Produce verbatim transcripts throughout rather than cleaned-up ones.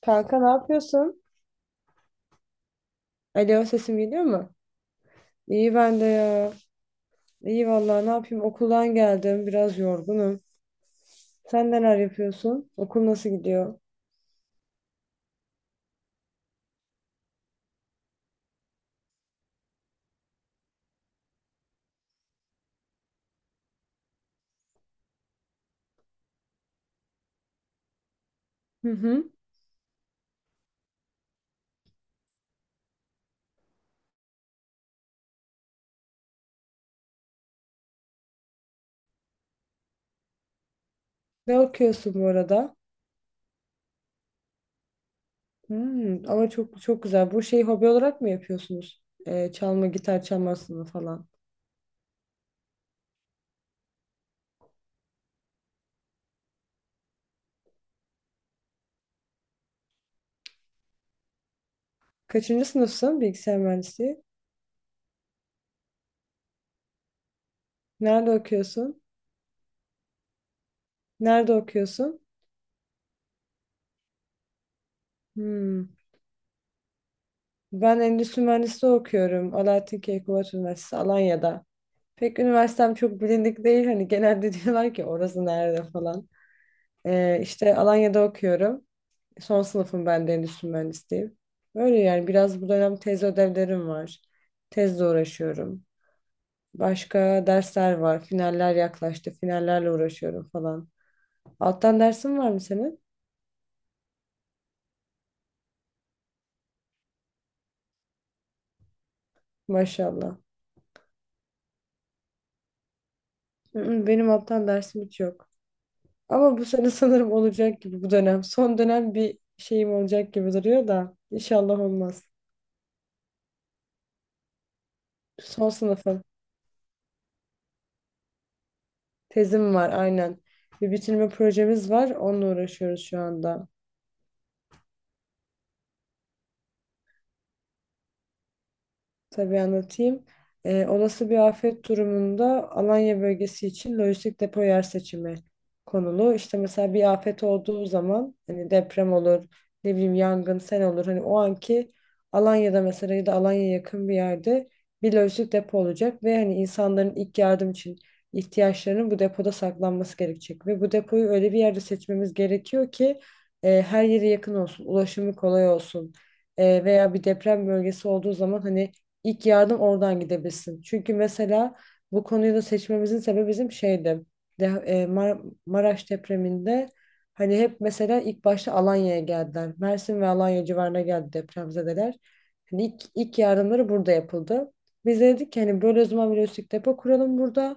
Kanka ne yapıyorsun? Alo sesim geliyor mu? İyi ben de ya. İyi vallahi ne yapayım okuldan geldim biraz yorgunum. Sen neler yapıyorsun? Okul nasıl gidiyor? Hı hı. Ne okuyorsun bu arada? Hmm, ama çok çok güzel. Bu şeyi hobi olarak mı yapıyorsunuz? Ee, çalma, gitar çalmasını falan. Kaçıncı sınıfsın bilgisayar mühendisliği? Nerede okuyorsun? Nerede okuyorsun? Hmm. Ben endüstri mühendisliği okuyorum. Alaaddin Keykubat Üniversitesi Alanya'da. Pek üniversitem çok bilindik değil. Hani genelde diyorlar ki orası nerede falan. Ee, işte Alanya'da okuyorum. Son sınıfım ben de endüstri mühendisliğim. Böyle yani biraz bu dönem tez ödevlerim var. Tezle uğraşıyorum. Başka dersler var. Finaller yaklaştı. Finallerle uğraşıyorum falan. Alttan dersin var mı senin? Maşallah. Hı hı, benim alttan dersim hiç yok. Ama bu sene sanırım olacak gibi bu dönem. Son dönem bir şeyim olacak gibi duruyor da. İnşallah olmaz. Son sınıfım. Tezim var aynen. Bir bitirme projemiz var. Onunla uğraşıyoruz şu anda. Tabii anlatayım. Ee, olası bir afet durumunda Alanya bölgesi için lojistik depo yer seçimi konulu. İşte mesela bir afet olduğu zaman hani deprem olur, ne bileyim yangın, sel olur. Hani o anki Alanya'da mesela ya da Alanya'ya yakın bir yerde bir lojistik depo olacak ve hani insanların ilk yardım için ihtiyaçlarının bu depoda saklanması gerekecek. Ve bu depoyu öyle bir yerde seçmemiz gerekiyor ki e, her yere yakın olsun, ulaşımı kolay olsun. E, veya bir deprem bölgesi olduğu zaman hani İlk yardım oradan gidebilsin. Çünkü mesela bu konuyu da seçmemizin sebebi bizim şeydi. De, e, Mar- Maraş depreminde hani hep mesela ilk başta Alanya'ya geldiler. Mersin ve Alanya civarına geldi depremzedeler. Hani ilk, ilk yardımları burada yapıldı. Biz de dedik ki hani böyle o zaman bir lojistik depo kuralım burada.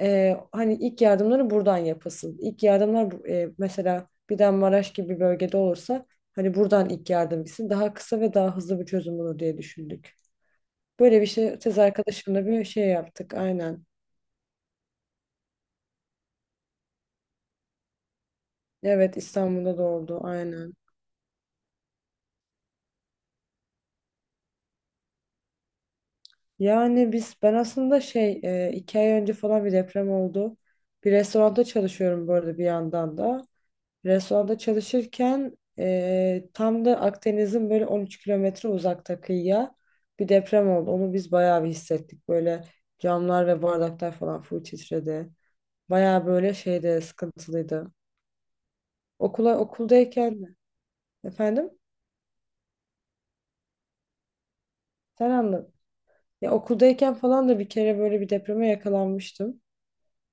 E, hani ilk yardımları buradan yapılsın. İlk yardımlar bu- e, mesela bir de Maraş gibi bir bölgede olursa hani buradan ilk yardım gitsin. Daha kısa ve daha hızlı bir çözüm olur diye düşündük. Böyle bir şey tez arkadaşımla bir şey yaptık aynen. Evet, İstanbul'da da oldu aynen. Yani biz ben aslında şey e, iki ay önce falan bir deprem oldu. Bir restoranda çalışıyorum bu arada bir yandan da. Restoranda çalışırken e, tam da Akdeniz'in böyle 13 kilometre uzakta kıyıya bir deprem oldu. Onu biz bayağı bir hissettik. Böyle camlar ve bardaklar falan full titredi. Bayağı böyle şeyde sıkıntılıydı. Okula okuldayken efendim sen anlat. Ya okuldayken falan da bir kere böyle bir depreme yakalanmıştım.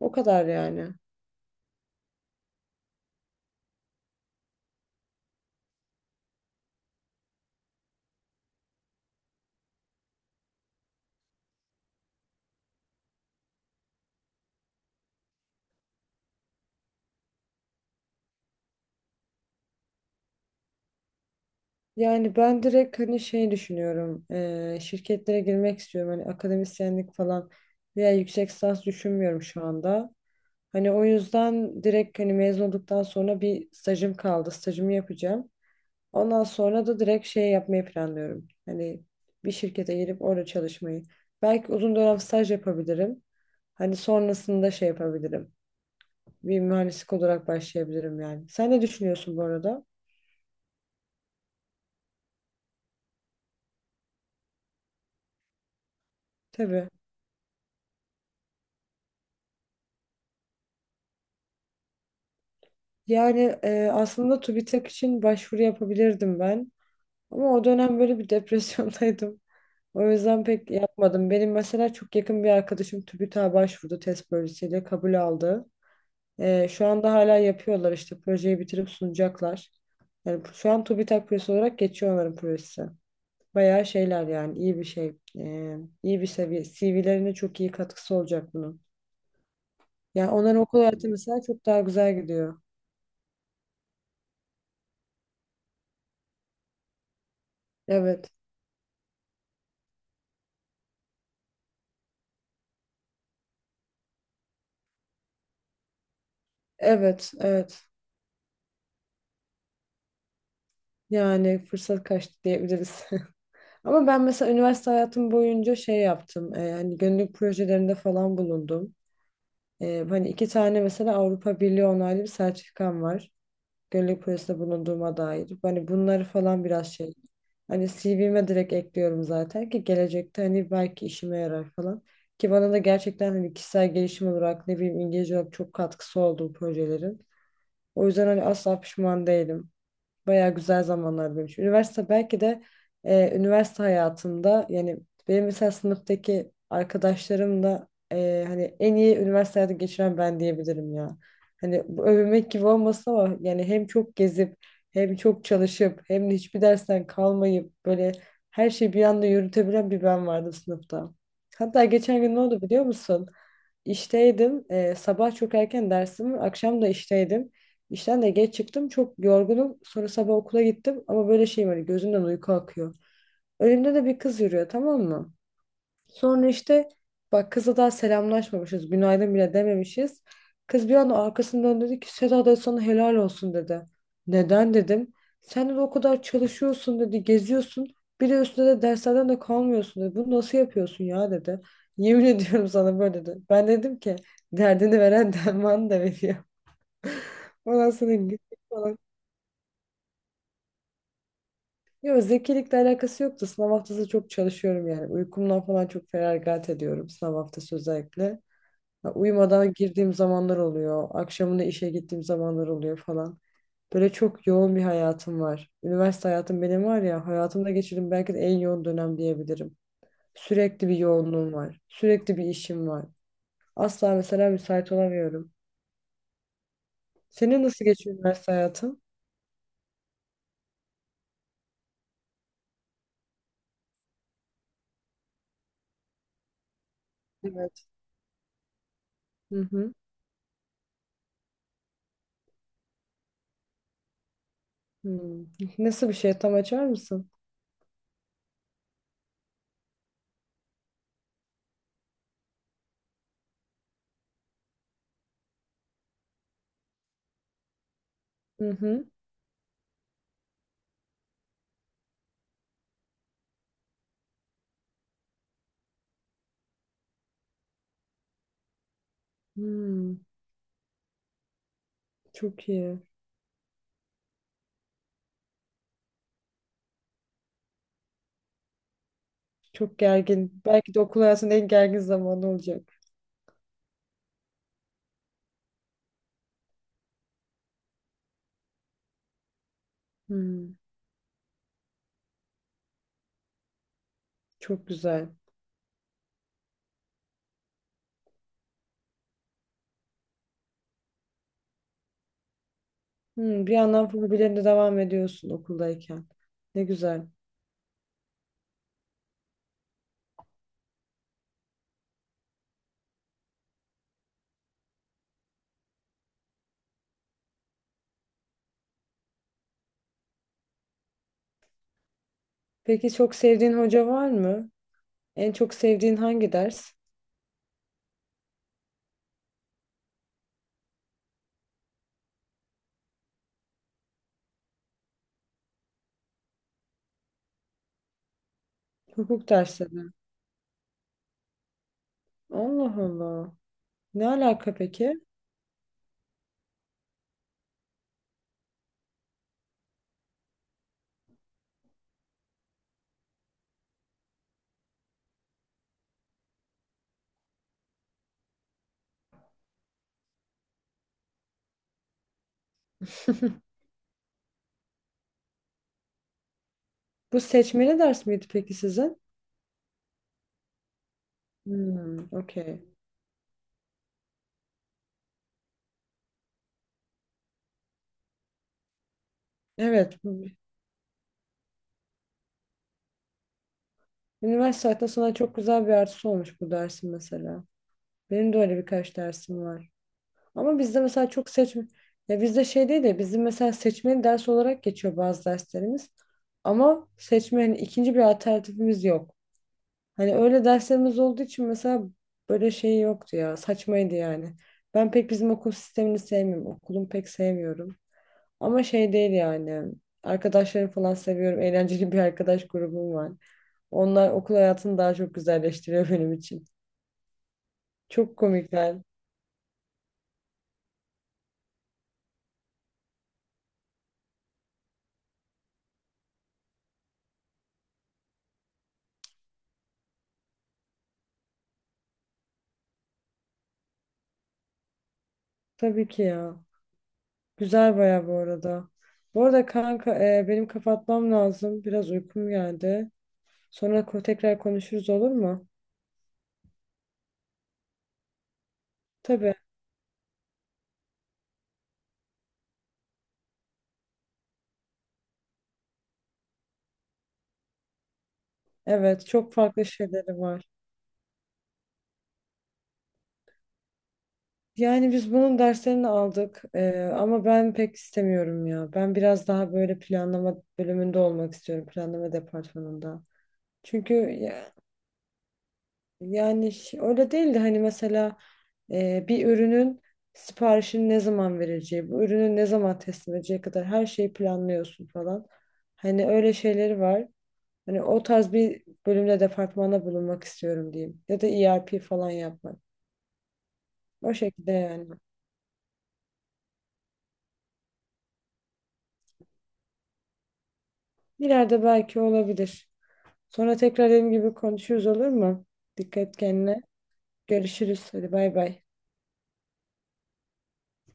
O kadar yani. Yani ben direkt hani şey düşünüyorum. Eee, şirketlere girmek istiyorum. Hani akademisyenlik falan veya yüksek lisans düşünmüyorum şu anda. Hani o yüzden direkt hani mezun olduktan sonra bir stajım kaldı. Stajımı yapacağım. Ondan sonra da direkt şey yapmayı planlıyorum. Hani bir şirkete girip orada çalışmayı. Belki uzun dönem staj yapabilirim. Hani sonrasında şey yapabilirim. bir mühendislik olarak başlayabilirim yani. Sen ne düşünüyorsun bu arada? Tabii. Yani e, aslında TÜBİTAK için başvuru yapabilirdim ben. Ama o dönem böyle bir depresyondaydım. O yüzden pek yapmadım. Benim mesela çok yakın bir arkadaşım TÜBİTAK'a başvurdu test projesiyle kabul aldı. E, şu anda hala yapıyorlar işte projeyi bitirip sunacaklar. Yani şu an TÜBİTAK projesi olarak geçiyor onların projesi. Bayağı şeyler yani iyi bir şey. E, iyi bir seviye. C V'lerine çok iyi katkısı olacak bunun. Yani onların okul hayatı mesela çok daha güzel gidiyor. Evet. Evet, evet. Yani fırsat kaçtı diyebiliriz. Ama ben mesela üniversite hayatım boyunca şey yaptım. E, hani gönüllülük projelerinde falan bulundum. E, hani iki tane mesela Avrupa Birliği onaylı bir sertifikam var. Gönüllülük projesinde bulunduğuma dair. Hani bunları falan biraz şey. Hani C V'me direkt ekliyorum zaten ki gelecekte hani belki işime yarar falan. Ki bana da gerçekten hani kişisel gelişim olarak ne bileyim İngilizce olarak çok katkısı oldu bu projelerin. O yüzden hani asla pişman değilim. Bayağı güzel zamanlar benim için. Üniversite belki de e, üniversite hayatımda yani benim mesela sınıftaki arkadaşlarım da e, hani en iyi üniversite hayatı geçiren ben diyebilirim ya. Hani bu övünmek gibi olmasa ama yani hem çok gezip hem çok çalışıp hem de hiçbir dersten kalmayıp böyle her şeyi bir anda yürütebilen bir ben vardı sınıfta. Hatta geçen gün ne oldu biliyor musun? İşteydim. E, sabah çok erken dersim, var, akşam da işteydim. İşten de geç çıktım. Çok yorgunum. Sonra sabah okula gittim. Ama böyle şeyim hani gözümden uyku akıyor. Önümde de bir kız yürüyor, tamam mı? Sonra işte bak kızla daha selamlaşmamışız. Günaydın bile dememişiz. Kız bir anda arkasını döndü dedi ki Seda da sana helal olsun dedi. Neden dedim. Sen de o kadar çalışıyorsun dedi. Geziyorsun. Bir de üstüne de derslerden de kalmıyorsun dedi. Bunu nasıl yapıyorsun ya dedi. Yemin ediyorum sana böyle dedi. Ben dedim ki derdini veren derman da veriyor. Ondan sonra gittik falan. Yok zekilikle alakası yoktu. Sınav haftası çok çalışıyorum yani. Uykumdan falan çok feragat ediyorum sınav haftası özellikle. Ha, uyumadan girdiğim zamanlar oluyor. Akşamında işe gittiğim zamanlar oluyor falan. Böyle çok yoğun bir hayatım var. Üniversite hayatım benim var ya hayatımda geçirdiğim belki de en yoğun dönem diyebilirim. Sürekli bir yoğunluğum var. Sürekli bir işim var. Asla mesela müsait olamıyorum. Senin nasıl geçiyor üniversite hayatın? Evet. Hı hı. Hmm. Nasıl bir şey, tam açar mısın? Hı hı. Hmm. Çok iyi. Çok gergin. Belki de okul hayatının en gergin zamanı olacak. Hmm, çok güzel. Hmm, bir yandan hobilerine devam ediyorsun okuldayken. Ne güzel. Peki çok sevdiğin hoca var mı? En çok sevdiğin hangi ders? Hukuk dersleri. Allah Allah. Ne alaka peki? Bu seçmeli ders miydi peki sizin? Hmm, okey. Evet. bu- Üniversite hayatında sana çok güzel bir artısı olmuş bu dersin mesela. Benim de öyle birkaç dersim var. Ama bizde mesela çok seçme ya bizde şey değil de bizim mesela seçmeli ders olarak geçiyor bazı derslerimiz. Ama seçme hani ikinci bir alternatifimiz yok. Hani öyle derslerimiz olduğu için mesela böyle şey yoktu ya, saçmaydı yani. Ben pek bizim okul sistemini sevmiyorum. Okulumu pek sevmiyorum. Ama şey değil yani. Arkadaşlarımı falan seviyorum. Eğlenceli bir arkadaş grubum var. Onlar okul hayatını daha çok güzelleştiriyor benim için. Çok komikler. Tabii ki ya. Güzel baya bu arada. Bu arada kanka e, benim kapatmam lazım. Biraz uykum geldi. Sonra ko- tekrar konuşuruz olur mu? Tabii. Evet çok farklı şeyleri var. Yani biz bunun derslerini aldık e, ama ben pek istemiyorum ya. Ben biraz daha böyle planlama bölümünde olmak istiyorum. Planlama departmanında. Çünkü Yani ş- öyle değil de hani mesela e, bir ürünün siparişini ne zaman vereceği, bu ürünü ne zaman teslim edeceği kadar her şeyi planlıyorsun falan. Hani öyle şeyleri var. Hani o tarz bir bölümde departmana bulunmak istiyorum diyeyim. Ya da E R P falan yapmak. O şekilde yani. İleride belki olabilir. Sonra tekrar dediğim gibi konuşuruz olur mu? Dikkat kendine. Görüşürüz. Hadi bay bay.